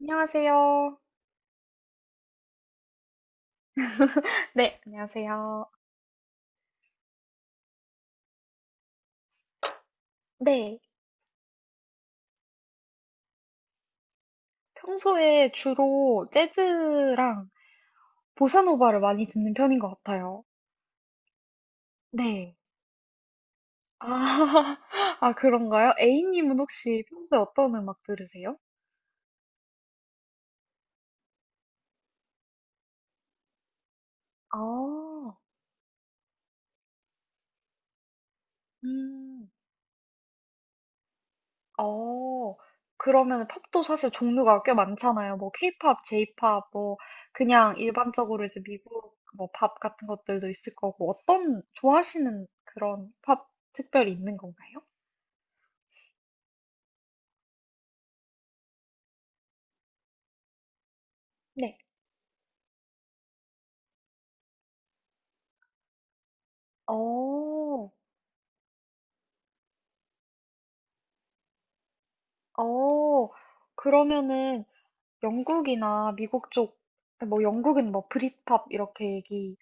안녕하세요. 네, 안녕하세요. 네, 평소에 주로 재즈랑 보사노바를 많이 듣는 편인 것 같아요. 네. 아, 아, 그런가요? A님은 혹시 평소에 어떤 음악 들으세요? 아, 음, 어, 그러면 팝도 사실 종류가 꽤 많잖아요. 뭐, 케이팝, 제이팝, 뭐, 그냥 일반적으로 이제 미국 뭐, 팝 같은 것들도 있을 거고, 어떤 좋아하시는 그런 팝 특별히 있는 건가요? 네. 어. 어. 그러면은 영국이나 미국 쪽, 뭐 영국은 뭐 브릿팝 이렇게 얘기하는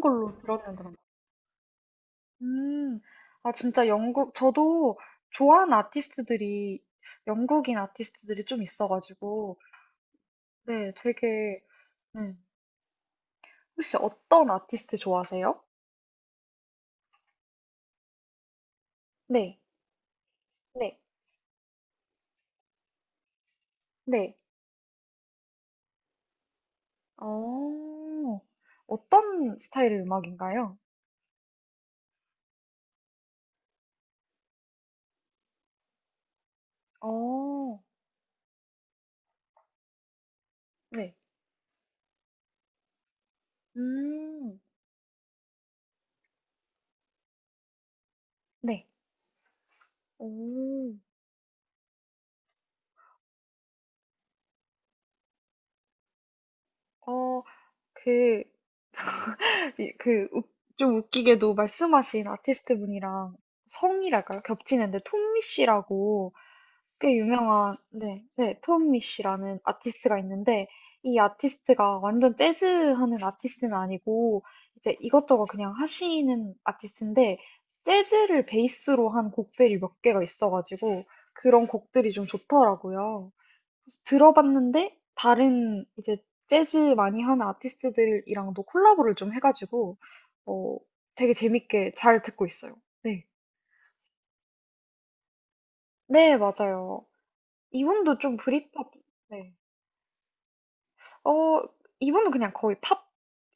걸로 들었는데. 맞나? 음. 아, 진짜 영국, 저도 좋아하는 아티스트들이, 영국인 아티스트들이 좀 있어가지고, 네, 되게, 음. 혹시 어떤 아티스트 좋아하세요? 네, 네, 네. 어, 어떤 스타일의 음악인가요? 어, 네. 음, 네. 오. 어, 그, 이- 그, 웃- 좀 웃기게도 말씀하신 아티스트 분이랑 성이랄까요? 겹치는데, 톰미 씨라고 꽤 유명한, 네, 네, 톰미 씨라는 아티스트가 있는데, 이 아티스트가 완전 재즈 하는 아티스트는 아니고, 이제 이것저것 그냥 하시는 아티스트인데, 재즈를 베이스로 한 곡들이 몇 개가 있어가지고, 그런 곡들이 좀 좋더라고요. 그래서 들어봤는데 다른 이제 재즈 많이 하는 아티스트들이랑도 콜라보를 좀 해가지고 어, 되게 재밌게 잘 듣고 있어요. 네. 네, 맞아요. 이분도 좀 브릿팝, 네. 어, 이분은 그냥 거의 팝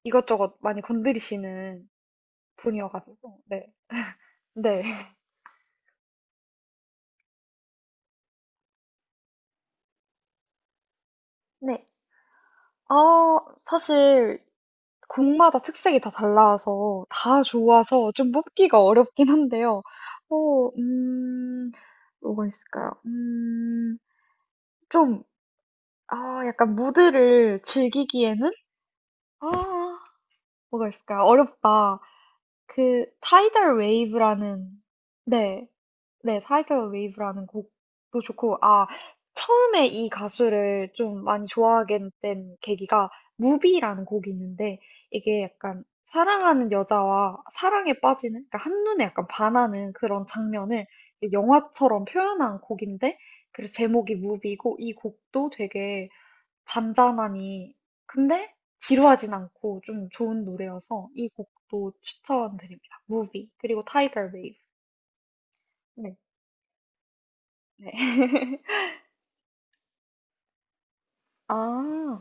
이것저것 많이 건드리시는 분이어가지고, 네. 네. 네. 사실 곡마다 특색이 다 달라서 다 좋아서 좀 뽑기가 어렵긴 한데요. 어, 음, 뭐가 있을까요? 좀, 아, 약간 무드를 즐기기에는? 아, 뭐가 있을까요? 어렵다. 그 타이덜 웨이브라는 네. 네, 타이덜 웨이브라는 곡도 좋고 아, 처음에 이 가수를 좀 많이 좋아하게 된 계기가 무비라는 곡이 있는데 이게 약간 사랑하는 여자와 사랑에 빠지는 그러니까 한눈에 약간 반하는 그런 장면을 영화처럼 표현한 곡인데 그래서 제목이 무비고 이 곡도 되게 잔잔하니 근데 지루하진 않고 좀 좋은 노래여서 이 곡도 추천드립니다. 무비 그리고 타이거 웨이브. 네. 네. 아.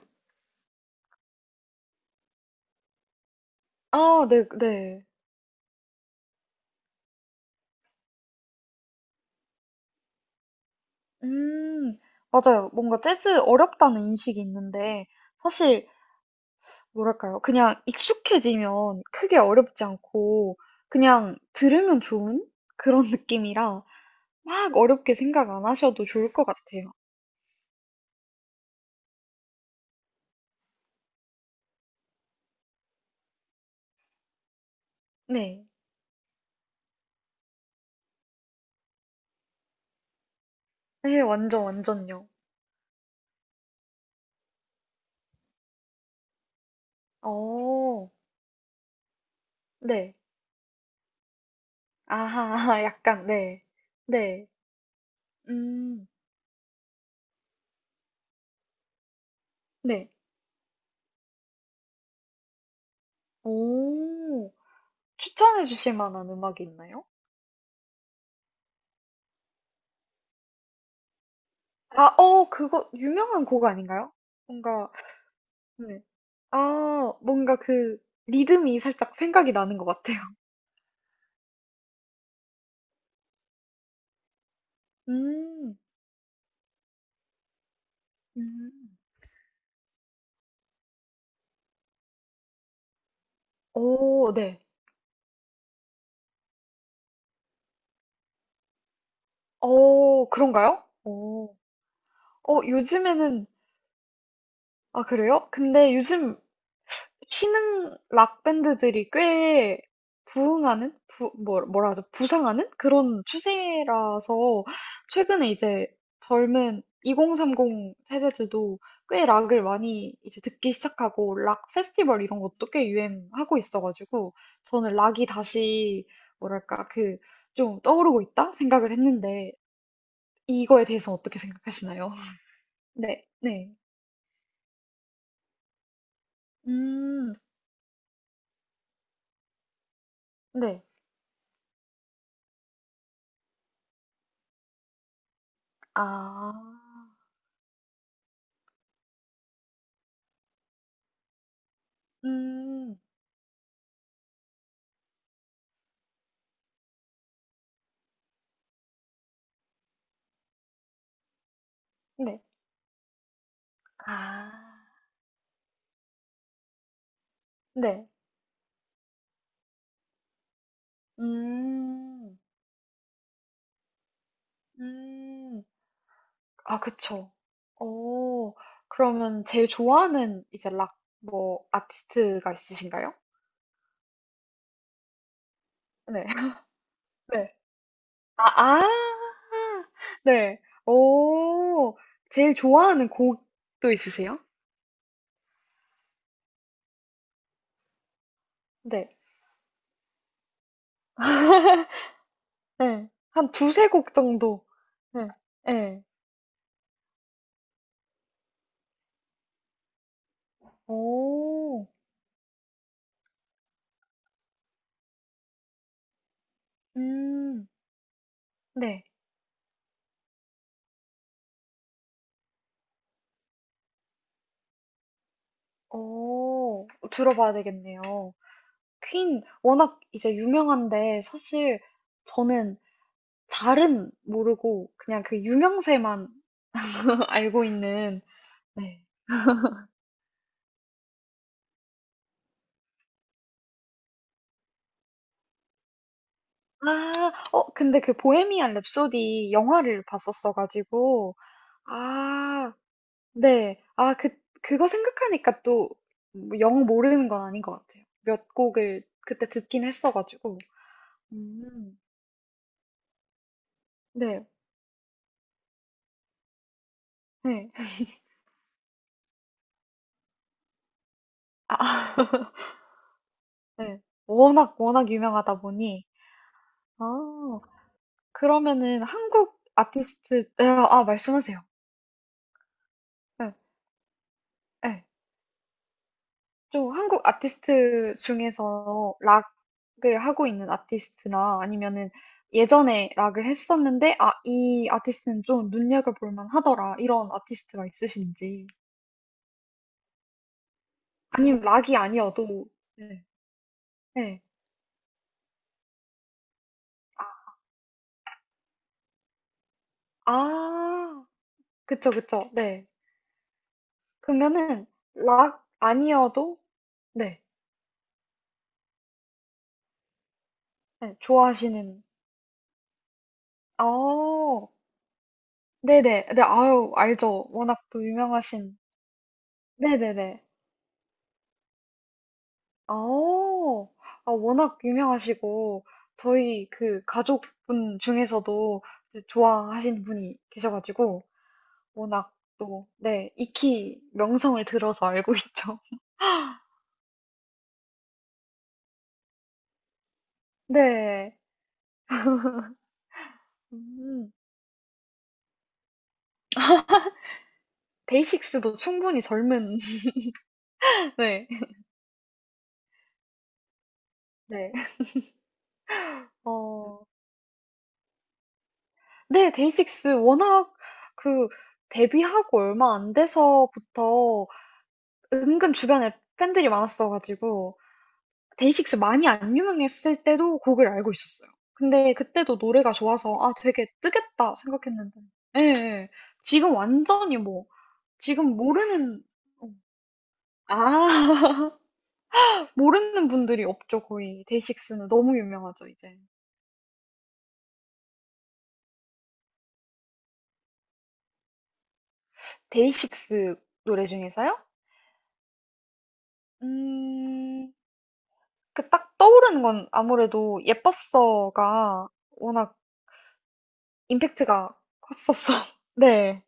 아, 네, 네. 음. 맞아요. 뭔가 재즈 어렵다는 인식이 있는데 사실 뭐랄까요? 그냥 익숙해지면 크게 어렵지 않고 그냥 들으면 좋은 그런 느낌이라 막 어렵게 생각 안 하셔도 좋을 것 같아요. 네. 네, 완전 완전요. 어. 네. 아하, 약간, 네. 네. 음, 네. 오, 추천해 주실 만한 음악이 있나요? 아, 어, 그거, 유명한 곡 아닌가요? 뭔가, 네. 아, 뭔가 그, 리듬이 살짝 생각이 나는 것 같아요. 음, 음. 오, 네. 어, 그런가요? 오. 어, 요즘에는, 아, 그래요? 근데 요즘 신흥 락 밴드들이 꽤 부흥하는 부, 뭐, 뭐라 하죠? 부상하는 그런 추세라서 최근에 이제 젊은 2030 세대들도 꽤 락을 많이 이제 듣기 시작하고 락 페스티벌 이런 것도 꽤 유행하고 있어가지고 저는 락이 다시 뭐랄까 그 좀 떠오르고 있다 생각을 했는데 이거에 대해서 어떻게 생각하시나요? 네, 네, 음, 네, 아, 음. 네. 아. 네. 음. 음. 아 그쵸. 오. 그러면 제일 좋아하는 이제 락 뭐 아티스트가 있으신가요? 네. 네. 아 아. 네. 오오. 제일 좋아하는 곡도 있으세요? 네. 네 한 두세 곡 정도. 네. 네 오 음. 네. 오오. 들어봐야 되겠네요. 퀸 워낙 이제 유명한데 사실 저는 잘은 모르고 그냥 그 유명세만 알고 있는 네. 아, 근데 그 보헤미안 랩소디 영화를 봤었어 가지고 아, 네. 아, 그 그거 생각하니까 또 영 모르는 건 아닌 것 같아요. 몇 곡을 그때 듣긴 했어 가지고. 음. 네. 네. 아, 네. 워낙 워낙 유명하다 보니 아. 그러면은 한국 아티스트 예 아 말씀하세요. 예. 예. 좀 한국 아티스트 중에서 락을 하고 있는 아티스트나 아니면은 예전에 락을 했었는데 '아 이 아티스트는 좀 눈여겨 볼 만하더라.' 이런 아티스트가 있으신지. 아니면 락이 아니어도 네. 네. 아 아. 그쵸, 그쵸. 네. 그러면은 락 아니어도 네. 네 좋아하시는 어. 네네. 네, 아유, 알죠. 워낙 또 유명하신. 네네네. 어, 아, 워낙 유명하시고, 저희 그 가족분 중에서도 이제 좋아하시는 분이 계셔가지고, 워낙 또, 네, 익히 명성을 들어서 알고 있죠. 네. 음, 데이식스도 충분히 젊은, 네, 네. 어, 네, 데이식스 워낙 그 데뷔하고 얼마 안 돼서부터 은근 주변에 팬들이 많았어가지고 데이식스 많이 안 유명했을 때도 곡을 알고 있었어요. 근데 그때도 노래가 좋아서 아 되게 뜨겠다 생각했는데 예, 예. 지금 완전히 뭐 지금 모르는 어, 아 모르는 분들이 없죠 거의 데이식스는 너무 유명하죠 이제 데이식스 노래 중에서요? 음, 그 딱 떠오르는 건 아무래도 예뻤어가 워낙 임팩트가 컸었어. 네.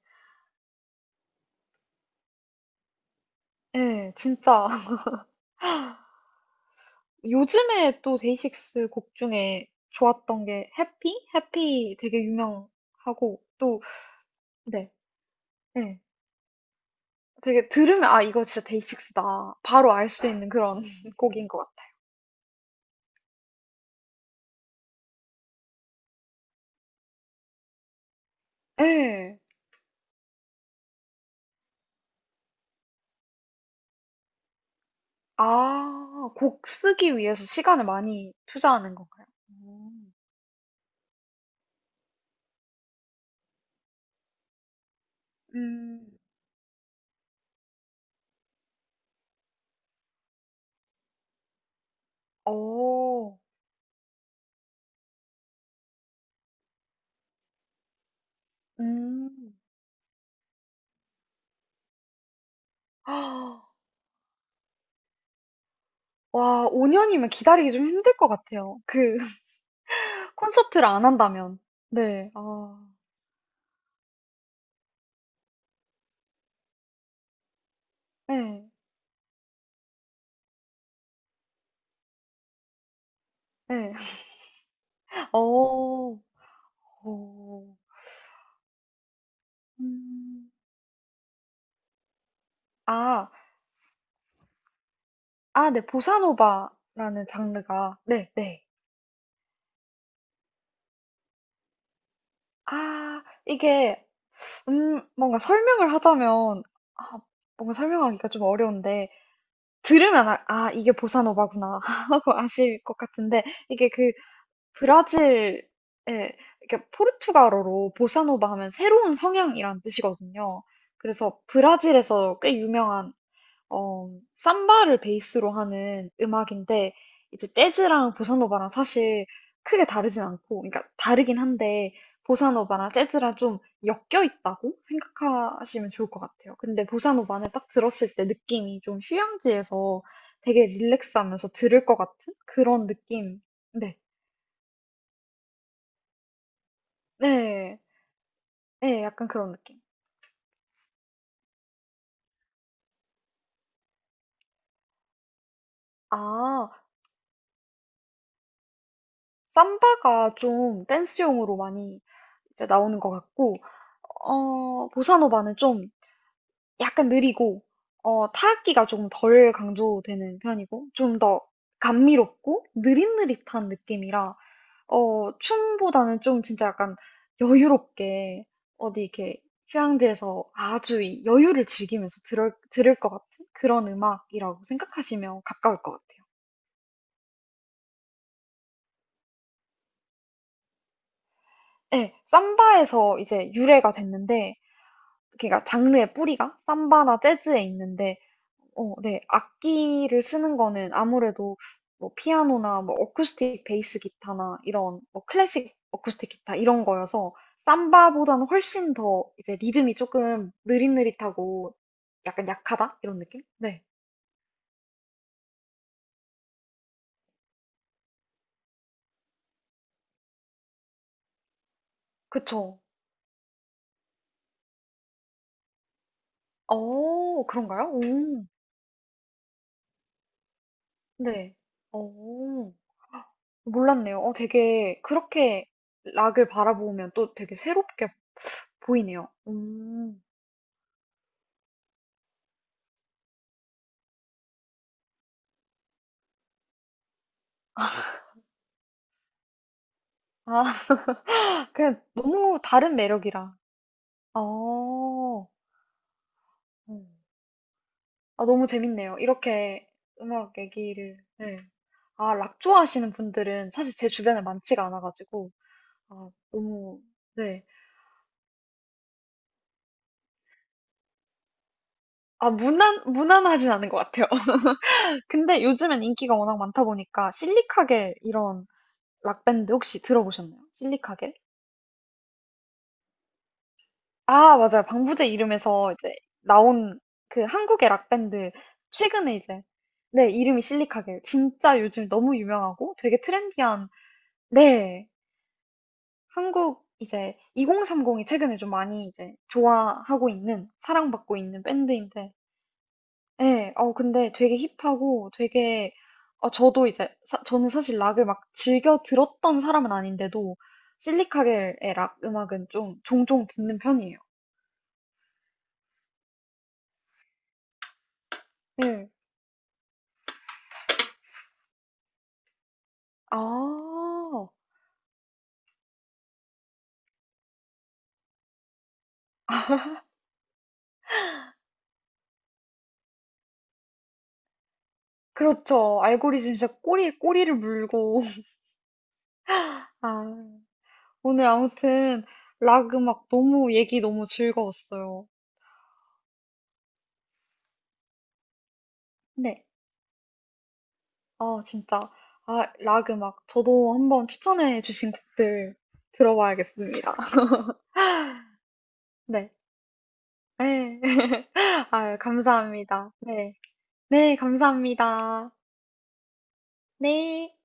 예. 진짜 요즘에 또 데이식스 곡 중에 좋았던 게 해피? 해피 되게 유명하고 또 네. 예. 되게 들으면 '아 이거 진짜 데이식스다.' 바로 알 수 있는 그런 곡인 것 같아요. 예. 아 곡 쓰기 위해서 시간을 많이 투자하는 건가요? 음. 음. 어. 음. 와 5 년이면 기다리기 좀 힘들 것 같아요. 그 콘서트를 안 한다면. 네. 아. 네, 네, 어. 어. 음. 아. 아 네. 보사노바라는 장르가 네 네. 아 이게 뭔가 설명을 하자면 아 뭔가 설명하기가 좀 어려운데 들으면 아 '아 이게 보사노바구나.' 하고 아실 것 같은데 이게 그 브라질에 이렇게 포르투갈어로 보사노바 하면 새로운 성향이라는 뜻이거든요. 그래서 브라질에서 꽤 유명한 어, 삼바를 베이스로 하는 음악인데, 이제 재즈랑 보사노바랑 사실 크게 다르진 않고, 그러니까 다르긴 한데, 보사노바랑 재즈랑 좀 엮여 있다고 생각하시면 좋을 것 같아요. 근데 보사노바는 딱 들었을 때 느낌이 좀 휴양지에서 되게 릴렉스하면서 들을 것 같은 그런 느낌. 네, 네, 네, 약간 그런 느낌. 아, 삼바가 좀 댄스용으로 많이 이제 나오는 것 같고, 보사노바는 좀 약간 느리고, 타악기가 조금 덜 강조되는 편이고, 좀 더 감미롭고, 느릿느릿한 느낌이라, 춤보다는 좀 진짜 약간 여유롭게, 어디 이렇게 휴양지에서 아주 이 여유를 즐기면서 들을 것 같은 그런 음악이라고 생각하시면 가까울 것 같아요. 네, 삼바에서 이제 유래가 됐는데, 그러니까 장르의 뿌리가 삼바나 재즈에 있는데 어, 네. 악기를 쓰는 거는 아무래도 뭐 피아노나 뭐 어쿠스틱 베이스 기타나 이런 뭐 클래식 어쿠스틱 기타 이런 거여서 삼바보다는 훨씬 더 이제 리듬이 조금 느릿느릿하고 약간 약하다? 이런 느낌? 네. 그쵸. 어, 그런가요? 오. 네. 어. 몰랐네요. 어 되게 그렇게 락을 바라보면 또 되게 새롭게 보이네요. 음. 아 그냥 너무 다른 매력이라. 아. 어. 음. 아 너무 재밌네요. 이렇게 음악 얘기를 네. 아 락 좋아하시는 분들은 사실 제 주변에 많지가 않아 가지고 아 너무 네. 아 무난하진 않은 것 같아요. 근데 요즘엔 인기가 워낙 많다 보니까 실리카겔 이런 락밴드 혹시 들어보셨나요? 실리카겔? 아, 맞아요. 방부제 이름에서 이제 나온 그 한국의 락밴드 최근에 이제 네, 이름이 실리카겔. 진짜 요즘 너무 유명하고 되게 트렌디한 네, 한국 이제 2030이 최근에 좀 많이 이제 좋아하고 있는 사랑받고 있는 밴드인데 네, 어, 근데 되게 힙하고 되게, 저도 이제, 저는 사실 락을 막 즐겨 들었던 사람은 아닌데도, 실리카겔의 락 음악은 좀 종종 듣는 편이에요. 네. 아, 그렇죠. 알고리즘 진짜 꼬리에 꼬리를 물고. 아, 오늘 아무튼 락 음악 너무 얘기 너무 즐거웠어요. 네. 아, 진짜. 아, 락 음악. 저도 한번 추천해 주신 곡들 들어봐야겠습니다. 네. 네. 아유, 감사합니다. 네. 네, 감사합니다. 네.